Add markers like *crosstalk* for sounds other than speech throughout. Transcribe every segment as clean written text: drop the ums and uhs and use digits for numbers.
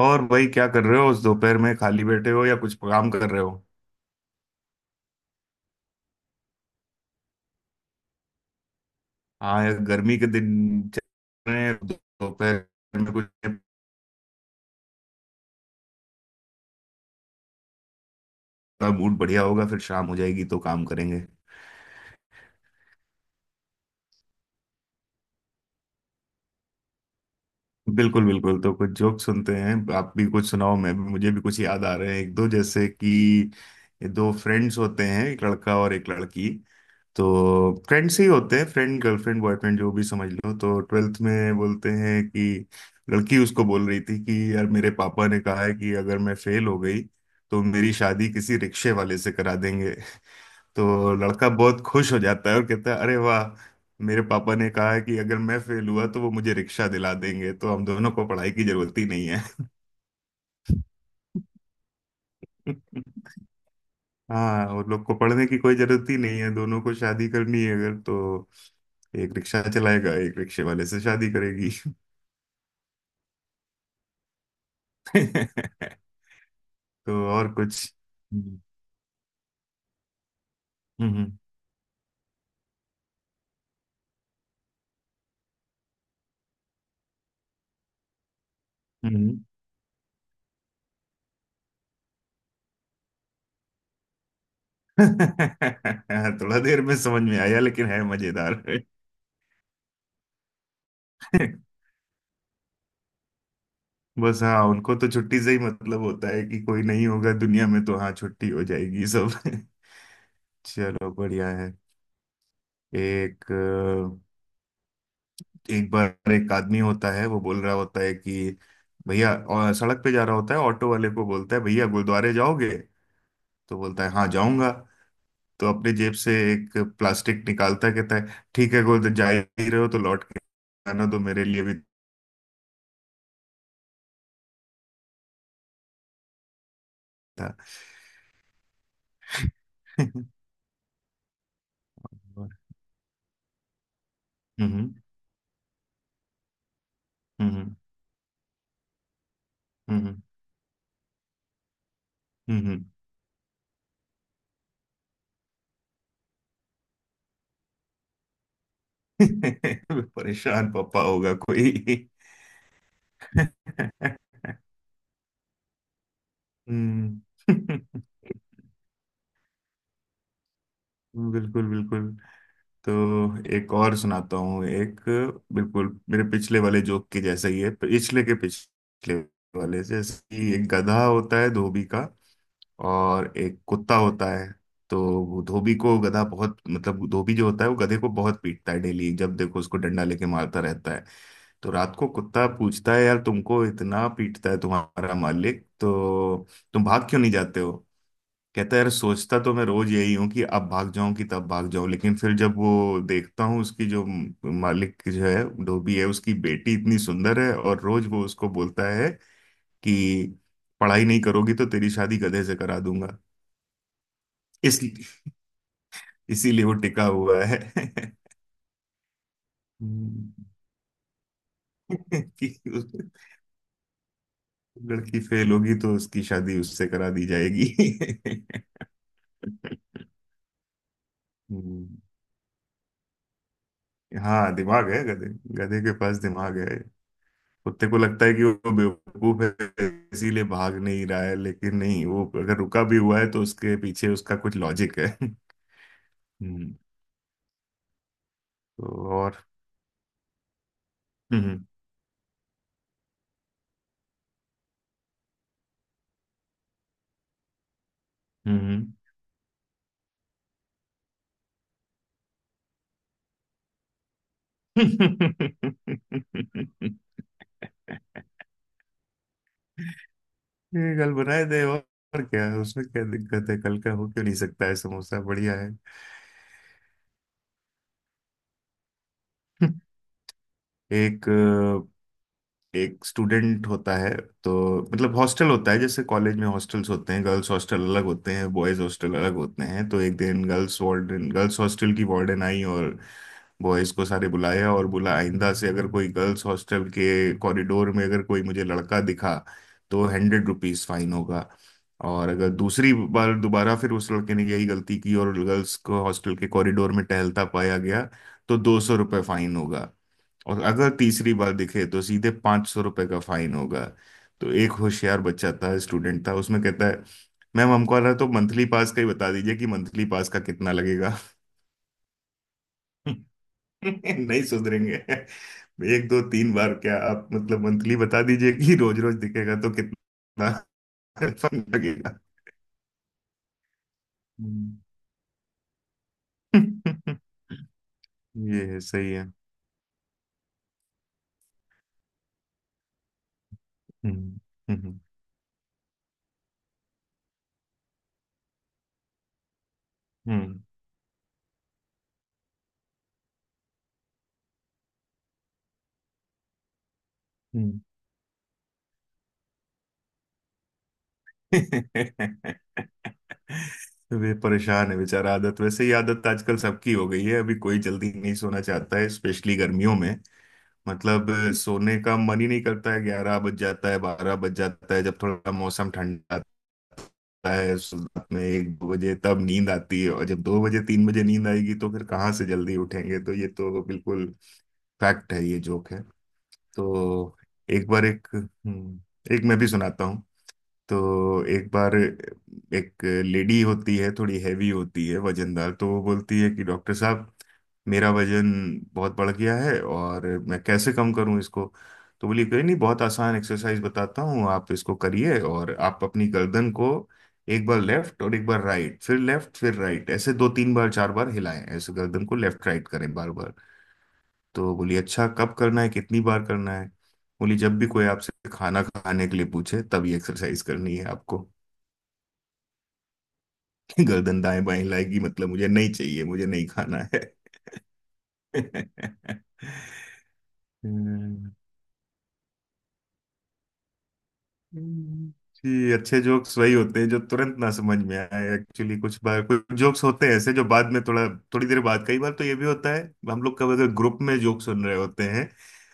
और भाई क्या कर रहे हो? उस दोपहर में खाली बैठे हो या कुछ काम कर रहे हो? हाँ यार, गर्मी के दिन चल रहे हैं, दोपहर में कुछ का मूड बढ़िया होगा, फिर शाम हो जाएगी तो काम करेंगे। बिल्कुल बिल्कुल, तो कुछ जोक सुनते हैं। आप भी कुछ सुनाओ, मैं भी, मुझे भी कुछ याद आ रहे हैं एक दो। जैसे कि ये दो फ्रेंड्स होते हैं, एक लड़का और एक लड़की। तो फ्रेंड्स ही होते हैं, फ्रेंड, गर्लफ्रेंड, बॉयफ्रेंड जो भी समझ लो। तो ट्वेल्थ में बोलते हैं कि लड़की उसको बोल रही थी कि यार मेरे पापा ने कहा है कि अगर मैं फेल हो गई तो मेरी शादी किसी रिक्शे वाले से करा देंगे। *laughs* तो लड़का बहुत खुश हो जाता है और कहता है अरे वाह, मेरे पापा ने कहा है कि अगर मैं फेल हुआ तो वो मुझे रिक्शा दिला देंगे, तो हम दोनों को पढ़ाई की जरूरत ही नहीं है। *laughs* हाँ, उन लोग को पढ़ने की कोई जरूरत ही नहीं है, दोनों को शादी करनी है अगर, तो एक रिक्शा चलाएगा, एक रिक्शे वाले से शादी करेगी। *laughs* तो और कुछ। हम्म, हम्म, हम्म। *laughs* थोड़ा देर में समझ में आया लेकिन है मजेदार। *laughs* बस, हाँ उनको तो छुट्टी से ही मतलब होता है कि कोई नहीं होगा दुनिया में तो हाँ छुट्टी हो जाएगी सब। *laughs* चलो बढ़िया है। एक अ, एक बार एक आदमी होता है, वो बोल रहा होता है कि भैया, और सड़क पे जा रहा होता है, ऑटो वाले को बोलता है भैया गुरुद्वारे जाओगे? तो बोलता है हाँ जाऊंगा। तो अपने जेब से एक प्लास्टिक निकालता है, कहता है ठीक है गुरुद्वारे जा ही रहे हो तो लौट के आना, तो मेरे लिए भी। था। *laughs* हम्म, हम्म, हम्म, हम्म, हम्म। *laughs* परेशान पापा होगा कोई। *laughs* हम्म। *laughs* बिल्कुल बिल्कुल, तो एक और सुनाता हूँ। एक बिल्कुल मेरे पिछले वाले जोक के जैसा ही है, पिछले के पिछले वाले से। जैसे कि एक गधा होता है धोबी का और एक कुत्ता होता है। तो वो धोबी को गधा बहुत, मतलब धोबी जो होता है वो गधे को बहुत पीटता है डेली, जब देखो उसको डंडा लेके मारता रहता है। तो रात को कुत्ता पूछता है यार तुमको इतना पीटता है तुम्हारा मालिक तो तुम भाग क्यों नहीं जाते हो? कहता है यार सोचता तो मैं रोज यही हूँ कि अब भाग जाऊं कि तब भाग जाऊं, लेकिन फिर जब वो देखता हूँ उसकी जो मालिक जो है धोबी है, उसकी बेटी इतनी सुंदर है और रोज वो उसको बोलता है कि पढ़ाई नहीं करोगी तो तेरी शादी गधे से करा दूंगा। इस इसीलिए वो टिका हुआ है। *laughs* कि उस- लड़की फेल होगी तो उसकी शादी उससे करा दी जाएगी। *laughs* हम्म, हाँ दिमाग है गधे। गधे के पास दिमाग है। कुत्ते को लगता है कि वो बेवकूफ है इसीलिए भाग नहीं रहा है, लेकिन नहीं, वो अगर रुका भी हुआ है तो उसके पीछे उसका कुछ लॉजिक है। हम्म। तो और। हम्म, हम्म। *laughs* ये कल बनाए दे। और क्या है, उसमें क्या दिक्कत है, कल का हो क्यों नहीं सकता है, समोसा बढ़िया है। *laughs* एक एक स्टूडेंट होता है। तो मतलब हॉस्टल होता है, जैसे कॉलेज में हॉस्टल्स होते हैं, गर्ल्स हॉस्टल अलग होते हैं, बॉयज हॉस्टल अलग होते हैं। तो एक दिन गर्ल्स वार्डन, गर्ल्स हॉस्टल की वार्डन आई और बॉयज को सारे बुलाया और बोला आइंदा से अगर कोई गर्ल्स हॉस्टल के कॉरिडोर में अगर कोई मुझे लड़का दिखा तो 100 रुपीज फाइन होगा। और अगर दूसरी बार दोबारा फिर उस लड़के ने यही गलती की और गर्ल्स को हॉस्टल के कॉरिडोर में टहलता पाया गया तो 200 रुपये फाइन होगा। और अगर तीसरी बार दिखे तो सीधे 500 रुपए का फाइन होगा। तो एक होशियार बच्चा था, स्टूडेंट था उसमें, कहता है मैम हमको आ रहा है, तो मंथली पास का ही बता दीजिए कि मंथली पास का कितना लगेगा। *laughs* नहीं सुधरेंगे। एक दो तीन बार क्या, आप मतलब मंथली बता दीजिए कि रोज रोज दिखेगा तो कितना fine लगेगा। हम्म। *laughs* ये है, सही है। हम्म, हम्म, हम्म, हम्म। *laughs* वे परेशान है बेचारा, आदत। वैसे ही आदत आजकल सबकी हो गई है, अभी कोई जल्दी नहीं सोना चाहता है, स्पेशली गर्मियों में। मतलब सोने का मन ही नहीं करता है। 11 बज जाता है, 12 बज जाता है, जब थोड़ा मौसम ठंडा आता है रात में एक दो बजे तब नींद आती है। और जब दो बजे तीन बजे नींद आएगी तो फिर कहाँ से जल्दी उठेंगे? तो ये तो बिल्कुल फैक्ट है, ये जोक है। तो एक बार एक एक मैं भी सुनाता। तो एक बार एक लेडी होती है, थोड़ी हैवी होती है, वजनदार। तो वो बोलती है कि डॉक्टर साहब मेरा वजन बहुत बढ़ गया है, और मैं कैसे कम करूं इसको? तो बोली कोई नहीं, बहुत आसान एक्सरसाइज बताता हूँ, आप इसको करिए। और आप अपनी गर्दन को एक बार लेफ्ट और एक बार राइट, फिर लेफ्ट फिर राइट, ऐसे दो तीन बार चार बार हिलाएं, ऐसे गर्दन को लेफ्ट राइट करें बार बार। तो बोली अच्छा कब करना है, कितनी बार करना है? बोली जब भी कोई आपसे खाना खाने के लिए पूछे तब ये एक्सरसाइज करनी है आपको। *laughs* गर्दन दाएं बाएं लाएगी मतलब मुझे नहीं चाहिए, मुझे नहीं खाना है। *laughs* हम्म, जी, अच्छे जोक्स वही होते हैं जो तुरंत ना समझ में आए एक्चुअली। कुछ बार कुछ जोक्स होते हैं ऐसे जो बाद में थोड़ा, थोड़ी देर बाद, कई बार तो ये भी होता है, हम लोग कब अगर ग्रुप में जोक सुन रहे होते हैं,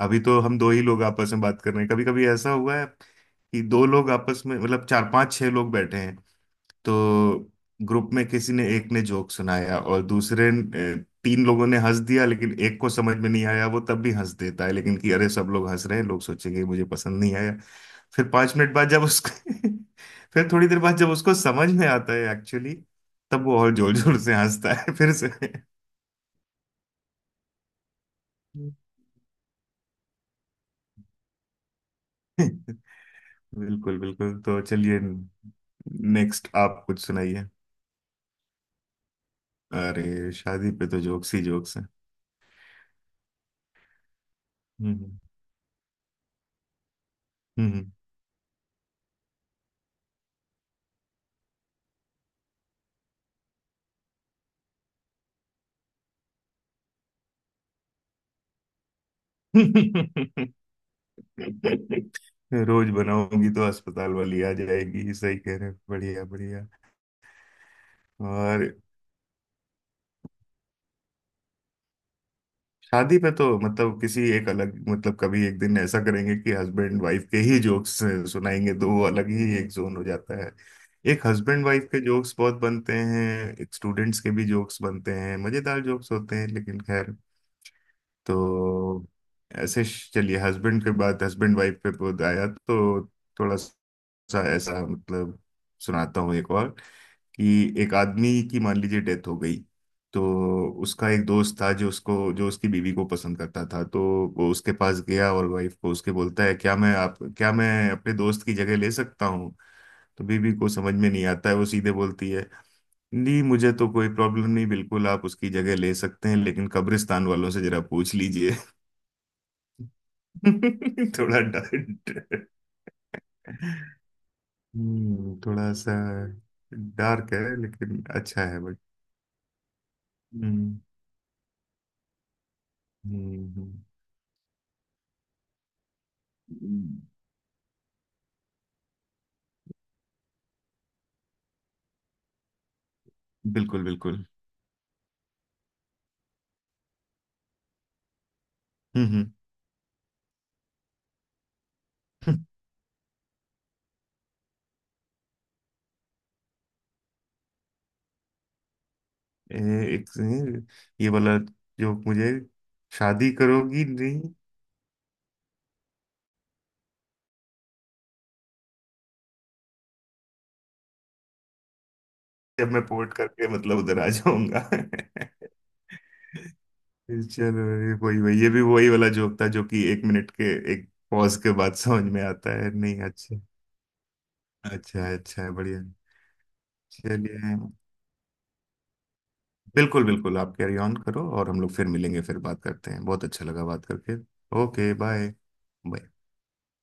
अभी तो हम दो ही लोग आपस में बात कर रहे हैं, कभी कभी ऐसा हुआ है कि दो लोग आपस में मतलब चार पांच छह लोग बैठे हैं। तो ग्रुप में किसी ने, एक ने जोक सुनाया, और दूसरे तीन लोगों ने हंस दिया लेकिन एक को समझ में नहीं आया, वो तब भी हंस देता है लेकिन, कि अरे सब लोग हंस रहे हैं, लोग सोचेंगे मुझे पसंद नहीं आया। फिर 5 मिनट बाद जब उसको *laughs* फिर थोड़ी देर बाद जब उसको समझ में आता है एक्चुअली, तब वो और जोर जोर से हंसता है फिर से। *laughs* बिल्कुल बिल्कुल, तो चलिए, नेक्स्ट आप कुछ सुनाइए। अरे शादी पे तो जोक्स ही जोक्स हैं। हम्म, हम्म। *laughs* *laughs* रोज बनाऊंगी तो अस्पताल वाली आ जाएगी, सही कह रहे हैं, बढ़िया बढ़िया। और शादी पे तो मतलब किसी, एक अलग, मतलब कभी एक दिन ऐसा करेंगे कि हस्बैंड वाइफ के ही जोक्स सुनाएंगे, तो वो अलग ही एक जोन हो जाता है। एक हस्बैंड वाइफ के जोक्स बहुत बनते हैं, एक स्टूडेंट्स के भी जोक्स बनते हैं, मजेदार जोक्स होते हैं लेकिन खैर। तो ऐसे चलिए, हस्बैंड के बाद, हस्बैंड वाइफ पे बहुत आया, तो थोड़ा सा ऐसा मतलब सुनाता हूँ एक और, कि एक आदमी की मान लीजिए डेथ हो गई। तो उसका एक दोस्त था जो उसको, जो उसकी बीवी को पसंद करता था, तो वो उसके पास गया और वाइफ को उसके बोलता है क्या मैं, आप, क्या मैं अपने दोस्त की जगह ले सकता हूँ? तो बीवी को समझ में नहीं आता है, वो सीधे बोलती है नहीं मुझे तो कोई प्रॉब्लम नहीं, बिल्कुल आप उसकी जगह ले सकते हैं, लेकिन कब्रिस्तान वालों से जरा पूछ लीजिए। *laughs* थोड़ा डर। थोड़ा सा डार्क है लेकिन अच्छा है बट। हम्म, हम्म, हम्म, बिल्कुल बिल्कुल। हम्म, हम्म। *laughs* ए- एक ये वाला जो मुझे, शादी करोगी नहीं? जब मैं पोर्ट करके मतलब उधर आ जाऊंगा। *laughs* चलो, ये वही वही, ये भी वही वाला जोक था जो कि एक मिनट के, एक पॉज के बाद समझ में आता है। नहीं, अच्छा, अच्छा अच्छा, बढ़िया, चलिए। बिल्कुल बिल्कुल, आप कैरी ऑन करो और हम लोग फिर मिलेंगे, फिर बात करते हैं, बहुत अच्छा लगा बात करके। Okay, bye. बाय।